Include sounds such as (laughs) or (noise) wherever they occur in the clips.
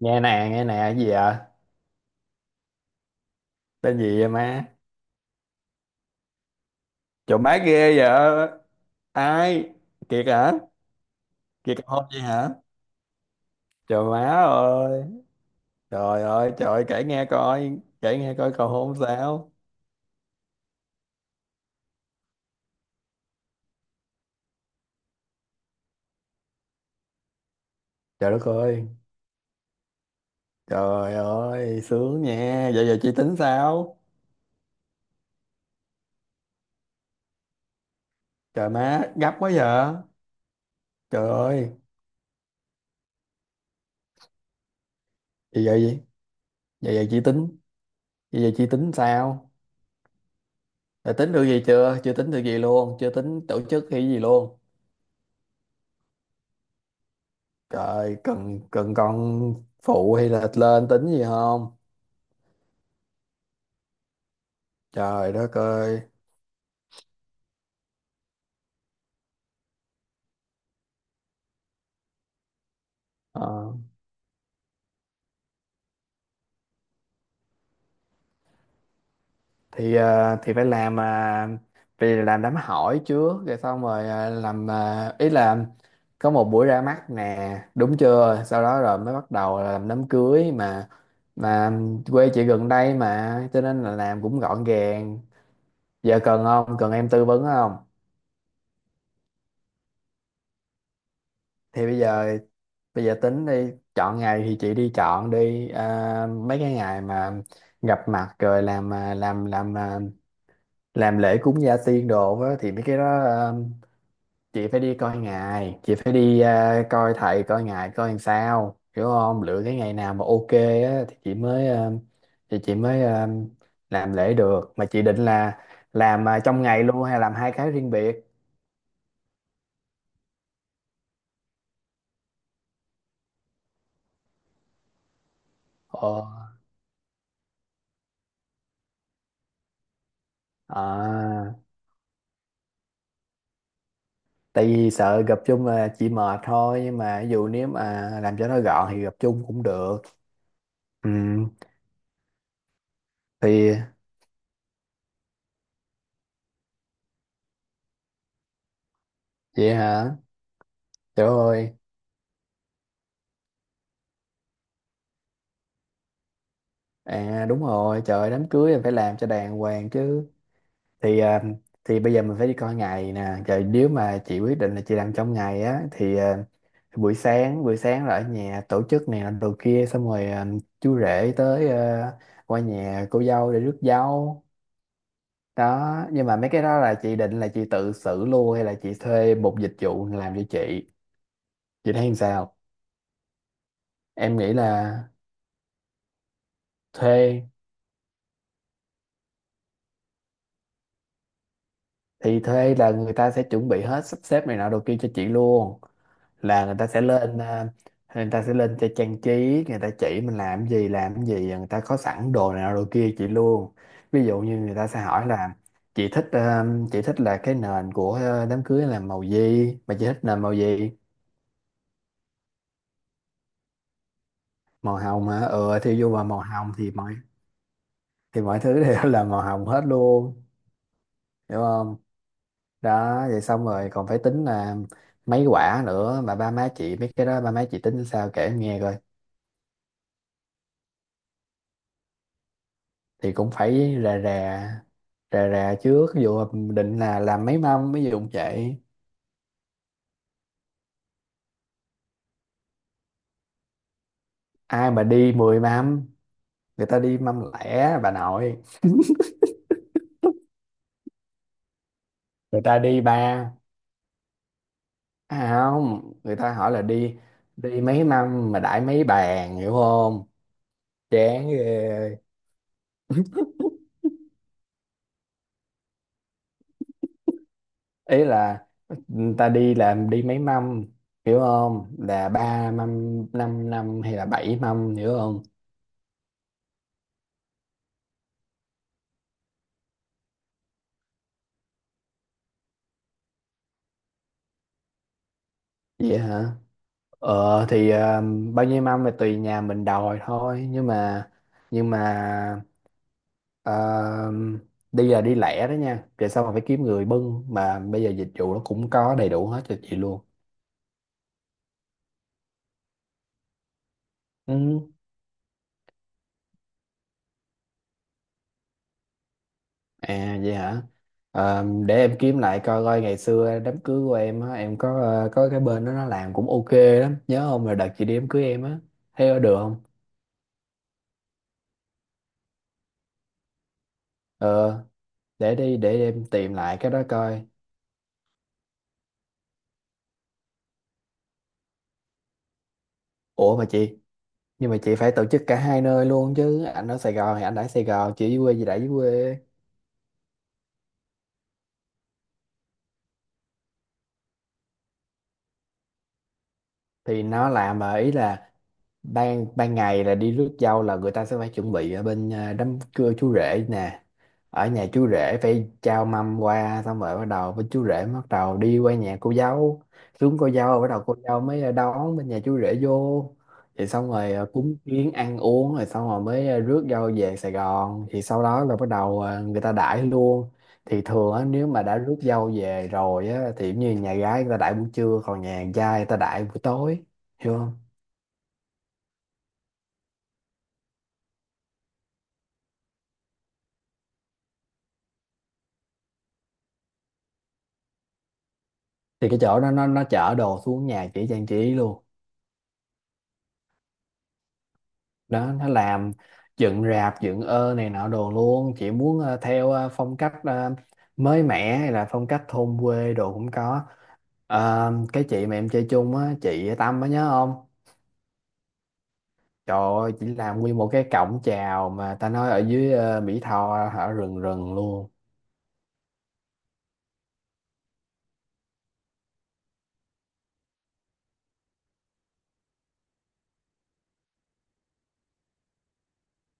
Nghe nè, nghe nè, cái gì vậy? Tên gì vậy má? Trời má, ghê vậy! Ai? Kiệt hả? Kiệt cầu hôn vậy hả? Trời má ơi! Trời ơi, trời ơi, kể nghe coi, kể nghe coi, cầu hôn sao? Trời đất ơi! Trời ơi, sướng nha. Vậy giờ chị tính sao? Trời má, gấp quá vậy! Trời ơi! Vậy giờ gì vậy giờ chị tính Vậy giờ chị tính sao? Đã tính được gì chưa? Chưa tính được gì luôn? Chưa tính tổ chức hay gì luôn? Trời, cần cần con phụ hay là lên tính gì không? Trời đất ơi. Ờ, thì phải làm, vì làm đám hỏi trước rồi xong rồi, làm, ý là có một buổi ra mắt nè, đúng chưa? Sau đó rồi mới bắt đầu là làm đám cưới mà. mà Quê chị gần đây mà cho nên là làm cũng gọn gàng. Giờ cần không? Cần em tư vấn không? Thì bây giờ Bây giờ tính đi chọn ngày thì chị đi chọn đi, mấy cái ngày mà gặp mặt rồi làm, làm lễ cúng gia tiên đồ á, thì mấy cái đó, chị phải đi coi ngày, chị phải đi, coi thầy coi ngày coi làm sao, hiểu không? Lựa cái ngày nào mà ok á, thì chị mới, làm lễ được. Mà chị định là làm, trong ngày luôn hay làm hai cái riêng biệt? Ồ, à, tại vì sợ gặp chung là chị mệt thôi, nhưng mà ví dụ nếu mà làm cho nó gọn thì gặp chung cũng được. Ừ thì. Vậy hả? Trời ơi. À, đúng rồi, trời ơi, đám cưới là phải làm cho đàng hoàng chứ. thì à, thì bây giờ mình phải đi coi ngày nè, trời! Nếu mà chị quyết định là chị làm trong ngày á thì, buổi sáng, là ở nhà tổ chức này làm đồ kia xong rồi, chú rể tới, qua nhà cô dâu để rước dâu. Đó, nhưng mà mấy cái đó là chị định là chị tự xử luôn hay là chị thuê một dịch vụ làm cho chị? Chị thấy sao? Em nghĩ là thuê. Thì thuê là người ta sẽ chuẩn bị hết, sắp xếp này nọ đồ kia cho chị luôn. Là người ta sẽ lên à, người ta sẽ lên cho trang trí, người ta chỉ mình làm gì làm gì, người ta có sẵn đồ này nọ đồ kia chị luôn. Ví dụ như người ta sẽ hỏi là chị thích à, chị thích là cái nền của, đám cưới là màu gì, mà chị thích nền màu gì? Màu hồng hả? Ừ, thì vô vào màu hồng thì mọi, mọi thứ đều (laughs) là màu hồng hết luôn. Hiểu không? Đó, vậy xong rồi còn phải tính là mấy quả nữa. Mà ba má chị mấy cái đó, ba má chị tính sao, kể em nghe coi. Thì cũng phải rà rà, trước. Ví dụ định là làm mấy mâm, ví dụ vậy. Ai mà đi 10 mâm? Người ta đi mâm lẻ, bà nội. Người ta đi ba. À không, người ta hỏi là đi, mấy mâm mà đãi mấy bàn, hiểu không? Chán ghê. Ý là, ừ, ta đi làm đi mấy mâm, hiểu không? Là ba mâm, năm năm, hay là bảy mâm, hiểu không? Vậy hả? ờ thì ờ, bao nhiêu mâm là tùy nhà mình đòi thôi, nhưng mà, nhưng mà ờ, đi là đi lẻ đó nha. Về sau mà phải kiếm người bưng. Mà bây giờ dịch vụ nó cũng có đầy đủ hết cho chị luôn. Ừ. À vậy hả? Ờ, để em kiếm lại coi coi ngày xưa đám cưới của em á, em có cái bên đó nó làm cũng ok lắm, nhớ không? Rồi đợt chị đi đám cưới em á, thấy có được không? Ờ, để em tìm lại cái đó coi. Ủa mà chị, nhưng mà chị phải tổ chức cả hai nơi luôn chứ. Anh ở Sài Gòn thì anh ở Sài Gòn, chị ở dưới quê thì đã dưới quê. Thì nó làm, mà ý là ban ban ngày là đi rước dâu, là người ta sẽ phải chuẩn bị ở bên, đám cưa chú rể nè. Ở nhà chú rể phải trao mâm qua, xong rồi bắt đầu bên chú rể bắt đầu đi qua nhà cô dâu. Xuống cô dâu, bắt đầu cô dâu mới, đón bên nhà chú rể vô. Thì xong rồi, cúng kiến ăn uống rồi xong rồi mới, rước dâu về Sài Gòn, thì sau đó là bắt đầu, người ta đãi luôn. Thì thường á, nếu mà đã rước dâu về rồi á, thì giống như nhà gái người ta đãi buổi trưa, còn nhà trai người ta đãi buổi tối. Hiểu không? Thì cái chỗ đó nó chở đồ xuống nhà chị trang trí luôn. Đó, nó làm dựng rạp, dựng, này nọ đồ luôn. Chị muốn, theo, phong cách, mới mẻ hay là phong cách thôn quê đồ cũng có. Ờ, cái chị mà em chơi chung á, chị Tâm á, nhớ không? Trời ơi, chị làm nguyên một cái cổng chào mà, ta nói ở dưới, Mỹ Tho, ở rừng rừng luôn.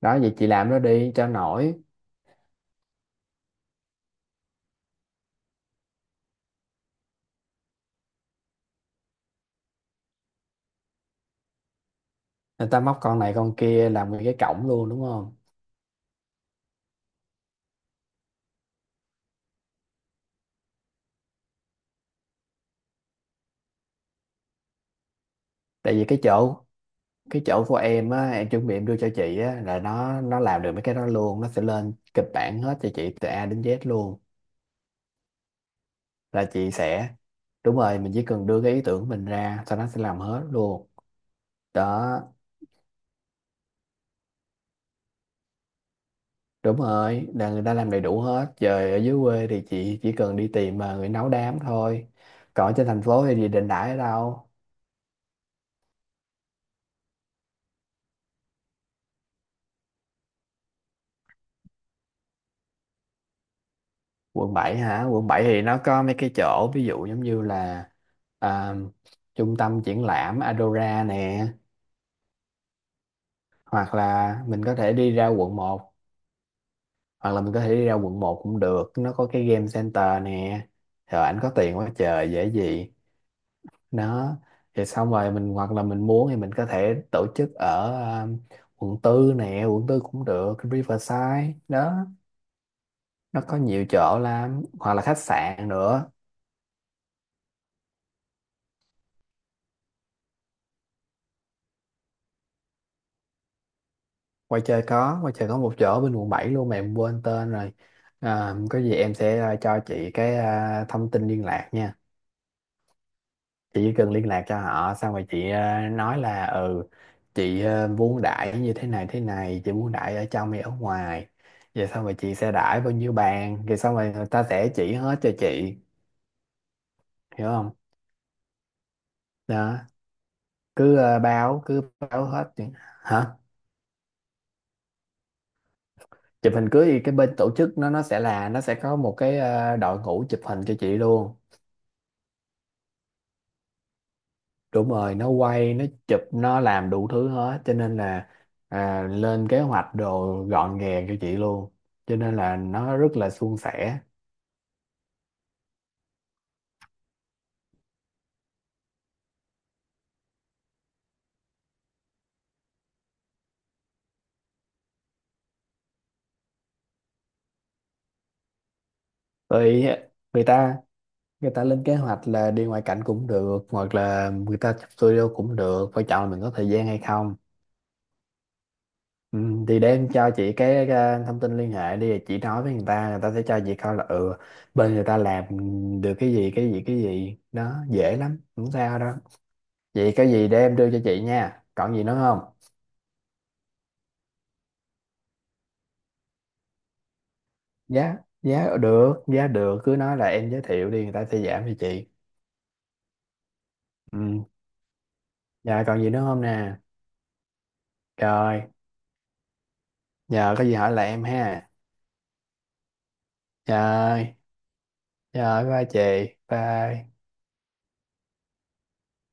Đó, vậy chị làm nó đi cho nổi. Người ta móc con này con kia làm nguyên cái cổng luôn, đúng không? Tại vì cái chỗ, của em á, em chuẩn bị em đưa cho chị á, là nó làm được mấy cái đó luôn, nó sẽ lên kịch bản hết cho chị từ A đến Z luôn. Là chị sẽ Đúng rồi, mình chỉ cần đưa cái ý tưởng của mình ra, sau đó sẽ làm hết luôn. Đó, đúng rồi, là người ta làm đầy đủ hết. Giờ ở dưới quê thì chị chỉ cần đi tìm mà người nấu đám thôi. Còn ở trên thành phố thì gì, định đãi ở đâu? Quận 7 hả? Quận 7 thì nó có mấy cái chỗ, ví dụ giống như là, à, trung tâm triển lãm Adora nè, hoặc là mình có thể đi ra quận 1. Hoặc là mình có thể đi ra quận một Cũng được, nó có cái game center nè. Rồi ảnh có tiền quá trời, dễ gì. Đó, thì xong rồi mình, hoặc là mình muốn thì mình có thể tổ chức ở, um, quận 4 nè, quận 4 cũng được, Riverside đó. Nó có nhiều chỗ lắm, hoặc là khách sạn nữa. Quay chơi có một chỗ bên quận 7 luôn, mà em quên tên rồi. Có gì em sẽ, cho chị cái, thông tin liên lạc nha. Chị chỉ cần liên lạc cho họ, xong rồi chị, nói là ừ, chị, muốn đãi như thế này thế này, chị muốn đãi ở trong hay ở ngoài. Vậy xong rồi chị sẽ đãi bao nhiêu bàn, rồi xong rồi người ta sẽ chỉ hết cho chị. Hiểu không? Đó, cứ báo hết những- Hả? Chụp hình cưới thì cái bên tổ chức nó sẽ có một cái, đội ngũ chụp hình cho chị luôn. Đúng rồi, nó quay, nó chụp, nó làm đủ thứ hết, cho nên là, lên kế hoạch đồ gọn gàng cho chị luôn, cho nên là nó rất là suôn sẻ. Rồi người ta người ta lên kế hoạch là đi ngoại cảnh cũng được, hoặc là người ta chụp studio cũng được, quan trọng là mình có thời gian hay không. Ừ, thì để em cho chị cái, thông tin liên hệ đi, rồi chị nói với người ta, người ta sẽ cho chị coi là, ừ, bên người ta làm được cái gì cái gì cái gì đó, dễ lắm, không sao đâu. Vậy có gì để em đưa cho chị nha. Còn gì nữa không? Giá, giá được, giá được. Cứ nói là em giới thiệu đi, người ta sẽ giảm cho chị. Ừ. Dạ còn gì nữa không nè? Trời, giờ có gì hỏi lại em ha. Trời, trời, bye chị. Bye.